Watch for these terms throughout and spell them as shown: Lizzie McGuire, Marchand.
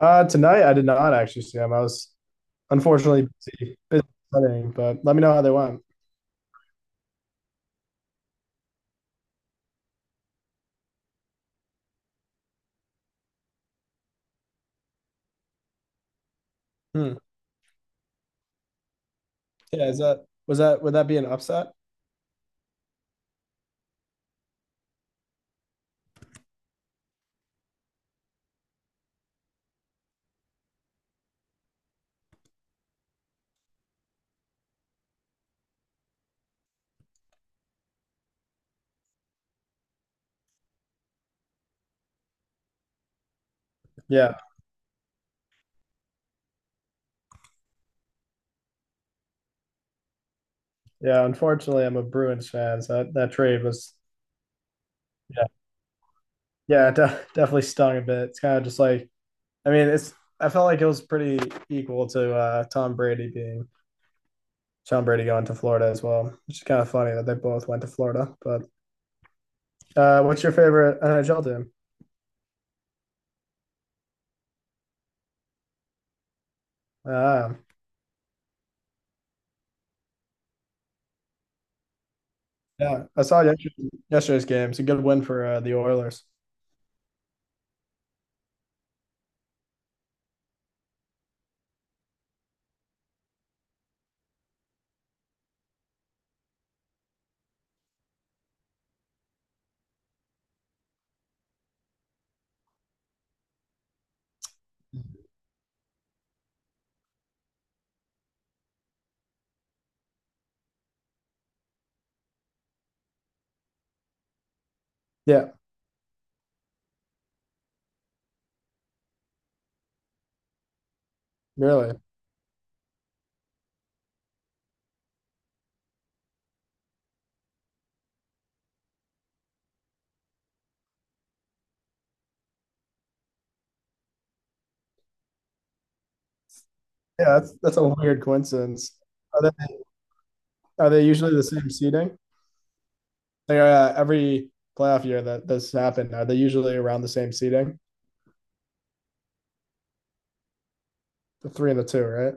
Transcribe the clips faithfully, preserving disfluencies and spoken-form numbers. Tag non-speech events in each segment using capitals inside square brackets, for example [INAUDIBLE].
Uh, tonight I did not actually see them. I was unfortunately busy, busy studying, but let me know how they went. Hmm. Yeah, is that was that would that be an upset? Yeah, yeah, unfortunately, I'm a Bruins fan, so that, that trade was yeah, yeah, it de- definitely stung a bit. It's kind of just like, I mean, it's I felt like it was pretty equal to uh, Tom Brady being Tom Brady going to Florida as well, which is kind of funny that they both went to Florida. But uh, what's your favorite N H L team? Uh, yeah, I saw yesterday, yesterday's game. It's a good win for uh, the Oilers. Yeah, really. Yeah, that's that's a weird coincidence. Are they are they usually the same seating? They are uh, every playoff year that this happened. Are they usually around the same seating? The three and the two, right?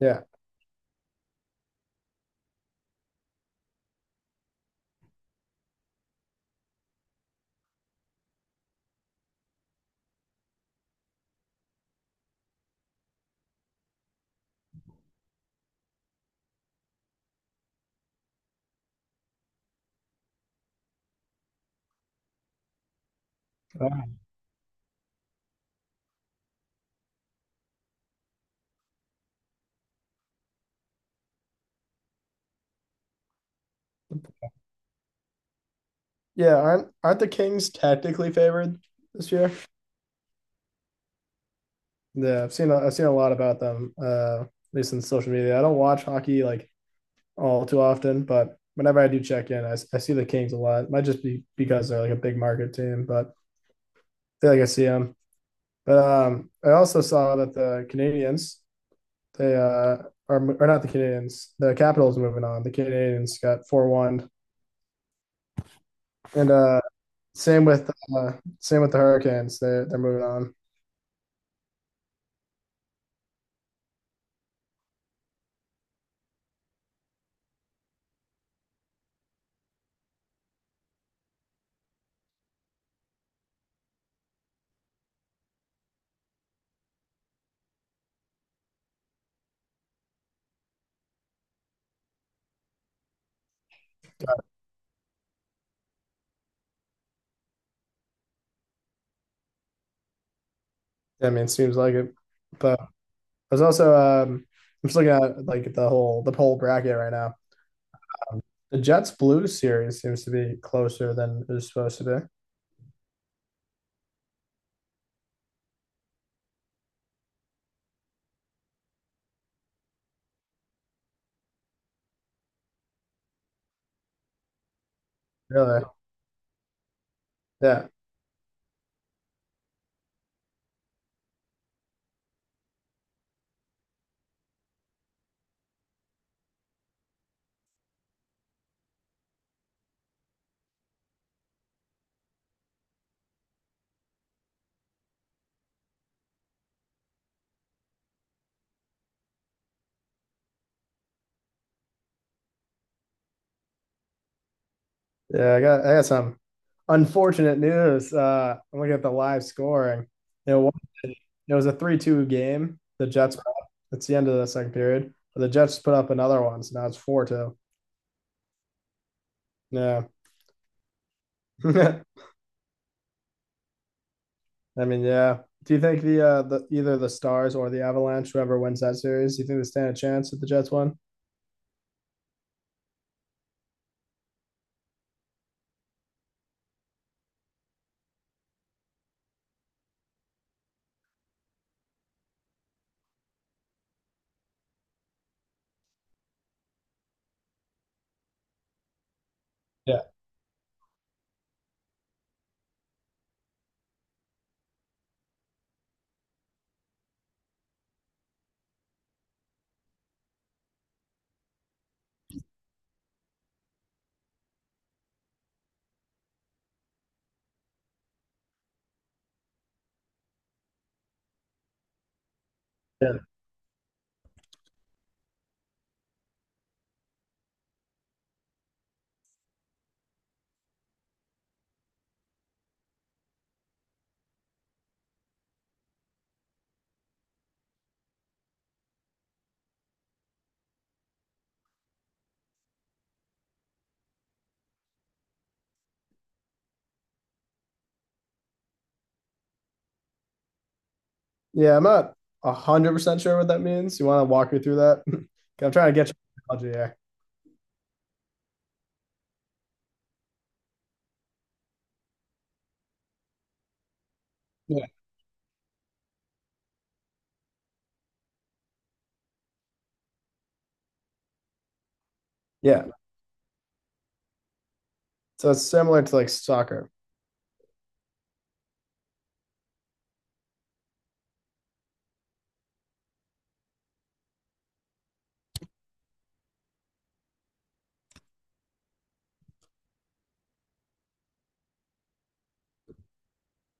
Yeah. Yeah, aren't aren't the Kings tactically favored this year? Yeah, I've seen a, I've seen a lot about them, uh, at least in social media. I don't watch hockey like all too often, but whenever I do check in, I I see the Kings a lot. It might just be because they're like a big market team, but I feel like I see them. But um, I also saw that the Canadians they uh are or not the Canadians, the Capitals are moving on. The Canadians got four one, and uh, same with uh, same with the Hurricanes. They they're moving on. I mean, it seems like it, but. Was also um, I'm just looking at like the whole the whole bracket right now. The Jets Blues series seems to be closer than it was supposed to be. Really? Yeah. Yeah, I got I got some unfortunate news. Uh I'm looking at the live scoring. You know, it was a three two game. The Jets put up — it's the end of the second period. But the Jets put up another one, so now it's four to two. Yeah. [LAUGHS] I mean, yeah. Do you think the uh the either the Stars or the Avalanche, whoever wins that series, do you think they stand a chance if the Jets win? Yeah. Yeah. Yeah, I'm not a hundred percent sure what that means. You want to walk me through that? [LAUGHS] 'Cause I'm trying to get your analogy here. Yeah. Yeah. So it's similar to like soccer.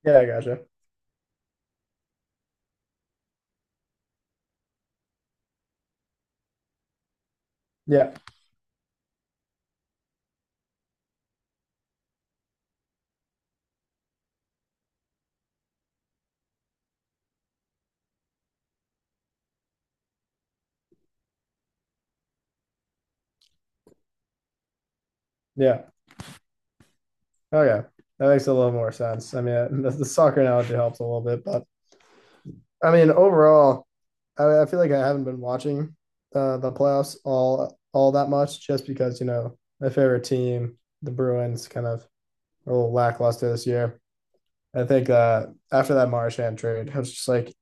Yeah, I gotcha. Yeah. Yeah. Okay. That makes a little more sense. I mean, [LAUGHS] the, the soccer analogy helps a little bit, but I mean, overall, I, I feel like I haven't been watching uh, the playoffs all all that much, just because you know my favorite team, the Bruins, kind of a little lackluster this year. I think uh, after that Marchand trade, I was just like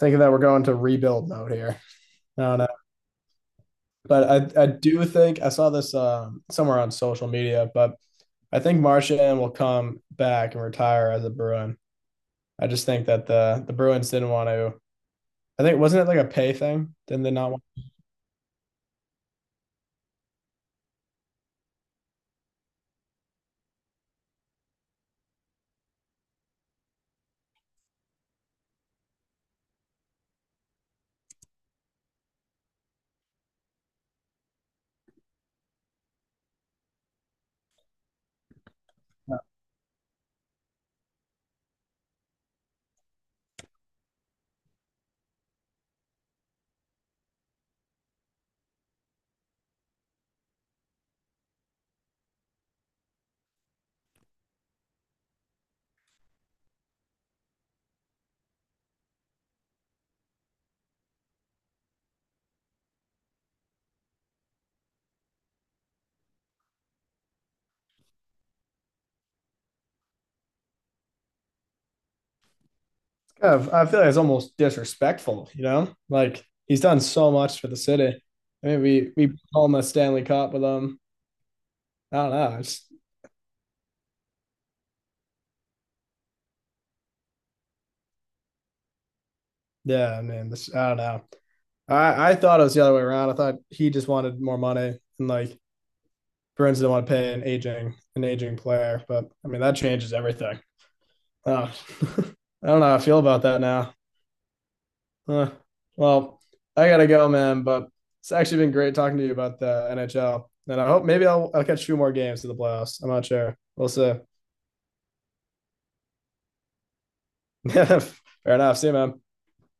thinking that we're going to rebuild mode here. I don't know, but I I do think I saw this um, somewhere on social media, but I think Marchand will come back and retire as a Bruin. I just think that the the Bruins didn't want to. I think wasn't it like a pay thing? Didn't they not of, I feel like it's almost disrespectful, you know? Like he's done so much for the city. I mean, we we home a Stanley Cup with him. I don't know. It's yeah, man. This I don't know. I I thought it was the other way around. I thought he just wanted more money, and like Bruins didn't want to pay an aging an aging player. But I mean, that changes everything. Oh, [LAUGHS] I don't know how I feel about that now. Uh, well, I gotta go, man. But it's actually been great talking to you about the N H L, and I hope maybe I'll I'll catch two more games in the playoffs. I'm not sure. We'll see. [LAUGHS] Fair enough. See you, man.